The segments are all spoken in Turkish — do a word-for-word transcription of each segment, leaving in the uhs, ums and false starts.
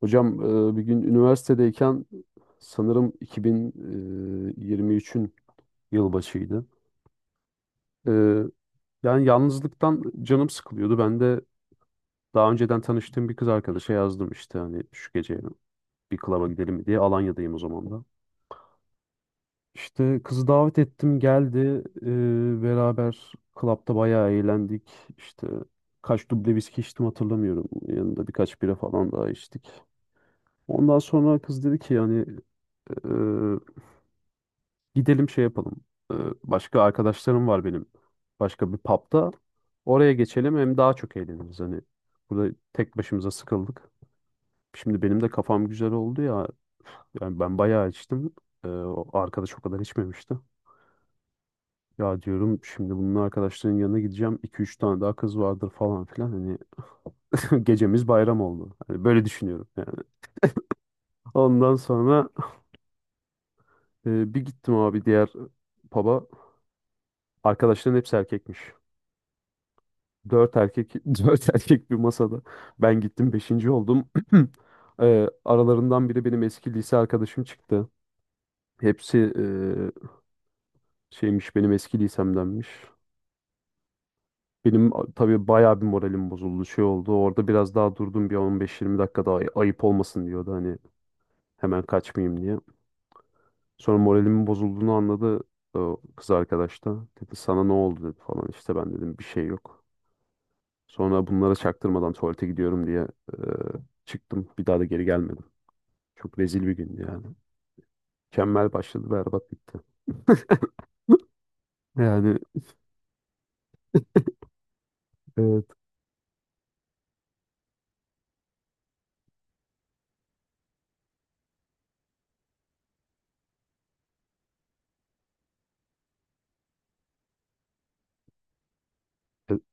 Hocam, e, bir gün üniversitedeyken sanırım iki bin yirmi üçün yılbaşıydı. E, Yani yalnızlıktan canım sıkılıyordu. Ben de daha önceden tanıştığım bir kız arkadaşa yazdım işte hani şu gece bir klaba gidelim mi diye. Alanya'dayım o zaman da. İşte kızı davet ettim geldi. E, beraber klapta bayağı eğlendik. İşte kaç duble viski içtim hatırlamıyorum. Yanında birkaç bira falan daha içtik. Ondan sonra kız dedi ki yani gidelim şey yapalım. Ee, Başka arkadaşlarım var benim. Başka bir pub'da. Oraya geçelim hem daha çok eğleniriz. Hani burada tek başımıza sıkıldık. Şimdi benim de kafam güzel oldu ya. Yani ben bayağı içtim. Ee, o arkadaş o kadar içmemişti. Ya diyorum şimdi bunun arkadaşlarının yanına gideceğim. iki üç tane daha kız vardır falan filan. Hani gecemiz bayram oldu. Hani böyle düşünüyorum yani. Ondan sonra e, bir gittim abi diğer pub'a. Arkadaşların hepsi erkekmiş. Dört erkek, dört erkek bir masada. Ben gittim beşinci oldum. Eee, aralarından biri benim eski lise arkadaşım çıktı. Hepsi eee, şeymiş benim eski lisemdenmiş. Benim a- tabii bayağı bir moralim bozuldu şey oldu. Orada biraz daha durdum bir on beş yirmi dakika daha ay- ayıp olmasın diyordu hani hemen kaçmayayım diye. Sonra moralimin bozulduğunu anladı o kız arkadaş da. Dedi sana ne oldu dedi falan işte ben dedim bir şey yok. Sonra bunlara çaktırmadan tuvalete gidiyorum diye e, çıktım. Bir daha da geri gelmedim. Çok rezil bir gündü yani. Mükemmel başladı, berbat bitti. Yani evet.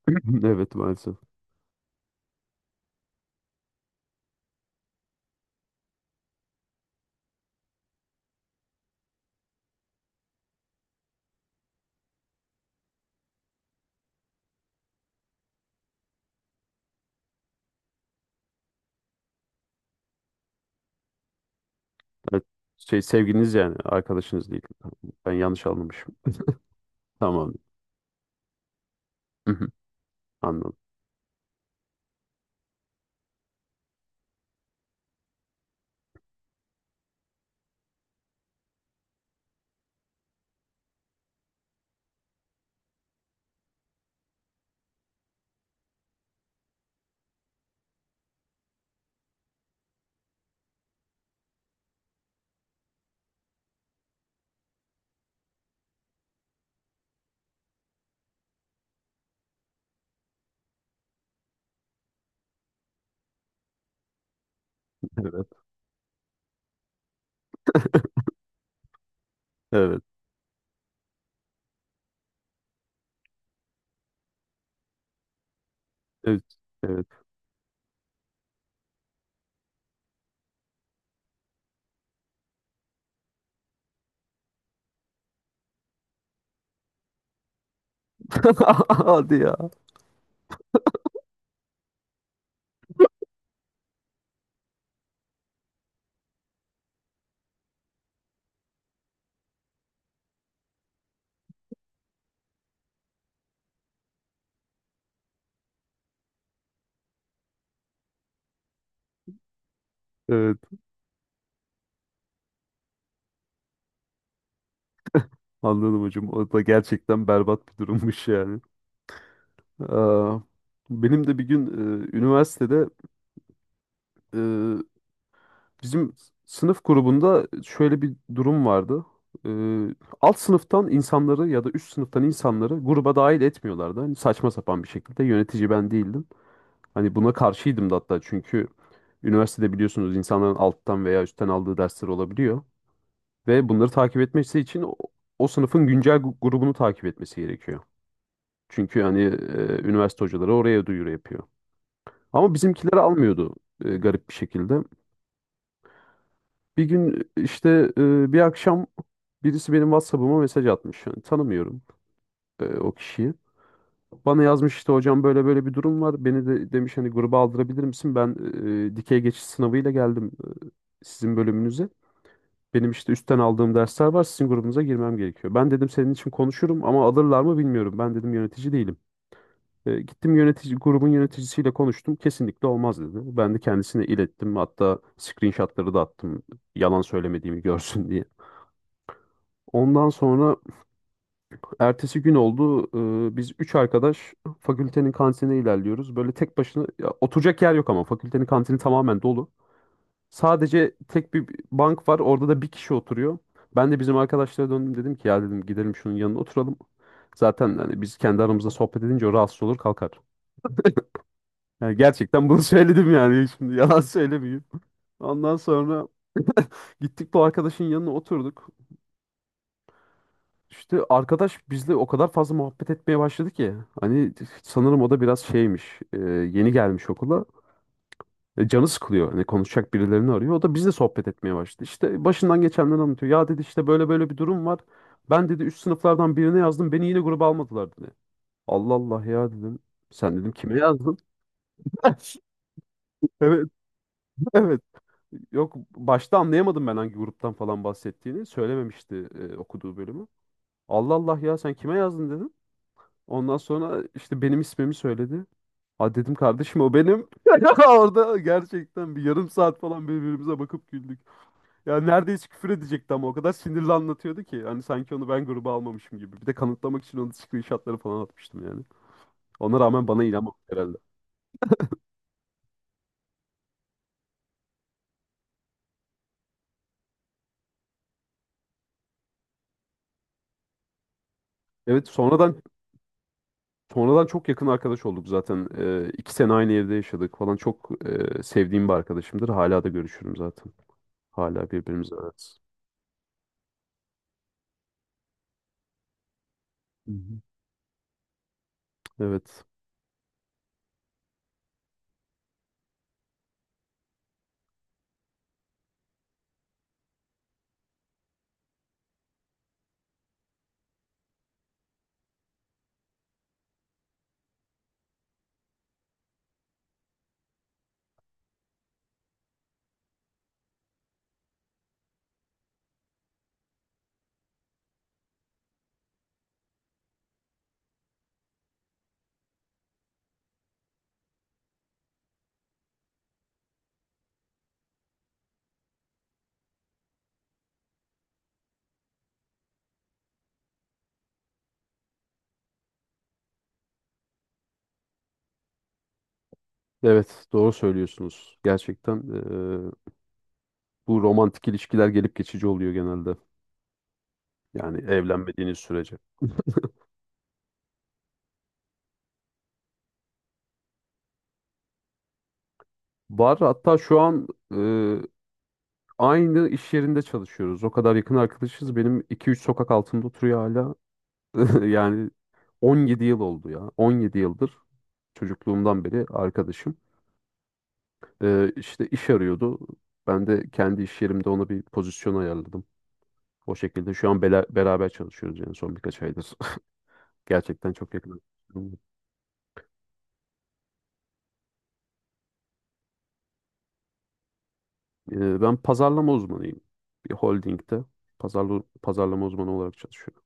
Evet, maalesef. Evet, şey sevgiliniz yani arkadaşınız değil. Ben yanlış anlamışım. Tamam. Anladım. Evet. Evet. Evet. Evet. Hadi ya. Evet. Anladım hocam. O da gerçekten berbat bir durummuş yani. Aa, benim de bir gün e, üniversitede bizim sınıf grubunda şöyle bir durum vardı. Ee, Alt sınıftan insanları ya da üst sınıftan insanları gruba dahil etmiyorlardı. Hani saçma sapan bir şekilde yönetici ben değildim. Hani buna karşıydım da hatta, çünkü üniversitede biliyorsunuz insanların alttan veya üstten aldığı dersler olabiliyor. Ve bunları takip etmesi için o, o sınıfın güncel gu- grubunu takip etmesi gerekiyor. Çünkü hani e, üniversite hocaları oraya duyuru yapıyor. Ama bizimkileri almıyordu, e, garip bir şekilde. Bir gün işte e, bir akşam birisi benim WhatsApp'ıma mesaj atmış. Yani tanımıyorum e, o kişiyi. Bana yazmış işte hocam böyle böyle bir durum var. Beni de demiş hani gruba aldırabilir misin? Ben e, dikey geçiş sınavıyla geldim e, sizin bölümünüze. Benim işte üstten aldığım dersler var. Sizin grubunuza girmem gerekiyor. Ben dedim senin için konuşurum ama alırlar mı bilmiyorum. Ben dedim yönetici değilim. E, gittim yönetici grubun yöneticisiyle konuştum. Kesinlikle olmaz dedi. Ben de kendisine ilettim. Hatta screenshotları da attım. Yalan söylemediğimi görsün diye. Ondan sonra ertesi gün oldu. Ee, biz üç arkadaş fakültenin kantinine ilerliyoruz. Böyle tek başına ya, oturacak yer yok ama fakültenin kantini tamamen dolu. Sadece tek bir bank var. Orada da bir kişi oturuyor. Ben de bizim arkadaşlara döndüm dedim ki ya dedim gidelim şunun yanına oturalım. Zaten hani biz kendi aramızda sohbet edince o rahatsız olur kalkar. Yani gerçekten bunu söyledim yani şimdi yalan söylemeyeyim. Ondan sonra gittik bu arkadaşın yanına oturduk. İşte arkadaş bizle o kadar fazla muhabbet etmeye başladı ki. Hani sanırım o da biraz şeymiş. E, yeni gelmiş okula. E, canı sıkılıyor. Hani konuşacak birilerini arıyor. O da bizle sohbet etmeye başladı. İşte başından geçenleri anlatıyor. Ya dedi işte böyle böyle bir durum var. Ben dedi üst sınıflardan birine yazdım. Beni yine gruba almadılar dedi. Allah Allah ya dedim. Sen dedim kime yazdın? Evet, evet. Yok, başta anlayamadım ben hangi gruptan falan bahsettiğini. Söylememişti e, okuduğu bölümü. Allah Allah ya sen kime yazdın dedim. Ondan sonra işte benim ismimi söyledi. Ha dedim kardeşim o benim. Orada gerçekten bir yarım saat falan birbirimize bakıp güldük. Ya neredeyse küfür edecekti ama o kadar sinirli anlatıyordu ki. Hani sanki onu ben gruba almamışım gibi. Bir de kanıtlamak için onun screenshotları falan atmıştım yani. Ona rağmen bana inanmadı herhalde. Evet, sonradan sonradan çok yakın arkadaş olduk zaten. Ee, iki sene aynı evde yaşadık falan. Çok e, sevdiğim bir arkadaşımdır. Hala da görüşürüm zaten. Hala birbirimize ararız. Hı hı. Evet. Evet, doğru söylüyorsunuz. Gerçekten eee, bu romantik ilişkiler gelip geçici oluyor genelde. Yani evlenmediğiniz sürece. Var, hatta şu an eee, aynı iş yerinde çalışıyoruz. O kadar yakın arkadaşız. Benim iki üç sokak altımda oturuyor hala. Yani on yedi yıl oldu ya. on yedi yıldır çocukluğumdan beri arkadaşım. Eee işte iş arıyordu. Ben de kendi iş yerimde ona bir pozisyon ayarladım. O şekilde şu an bela- beraber çalışıyoruz yani son birkaç aydır. Gerçekten çok yakın. Ee, Ben pazarlama uzmanıyım. Bir holdingde pazarlı, pazarlama uzmanı olarak çalışıyorum.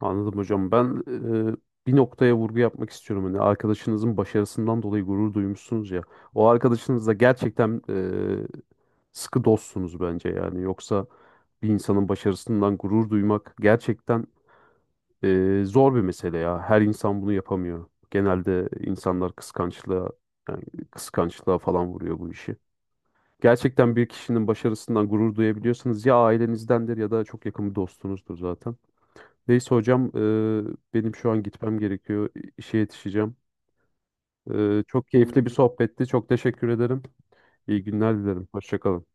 Anladım hocam. Ben e, bir noktaya vurgu yapmak istiyorum. Hani arkadaşınızın başarısından dolayı gurur duymuşsunuz ya. O arkadaşınızla gerçekten e, sıkı dostsunuz bence yani. Yoksa bir insanın başarısından gurur duymak gerçekten e, zor bir mesele ya. Her insan bunu yapamıyor. Genelde insanlar kıskançlığa, yani kıskançlığa falan vuruyor bu işi. Gerçekten bir kişinin başarısından gurur duyabiliyorsanız ya ailenizdendir ya da çok yakın bir dostunuzdur zaten. Neyse hocam, e, benim şu an gitmem gerekiyor. İ- İşe yetişeceğim. E, çok keyifli bir sohbetti. Çok teşekkür ederim. İyi günler dilerim. Hoşça kalın.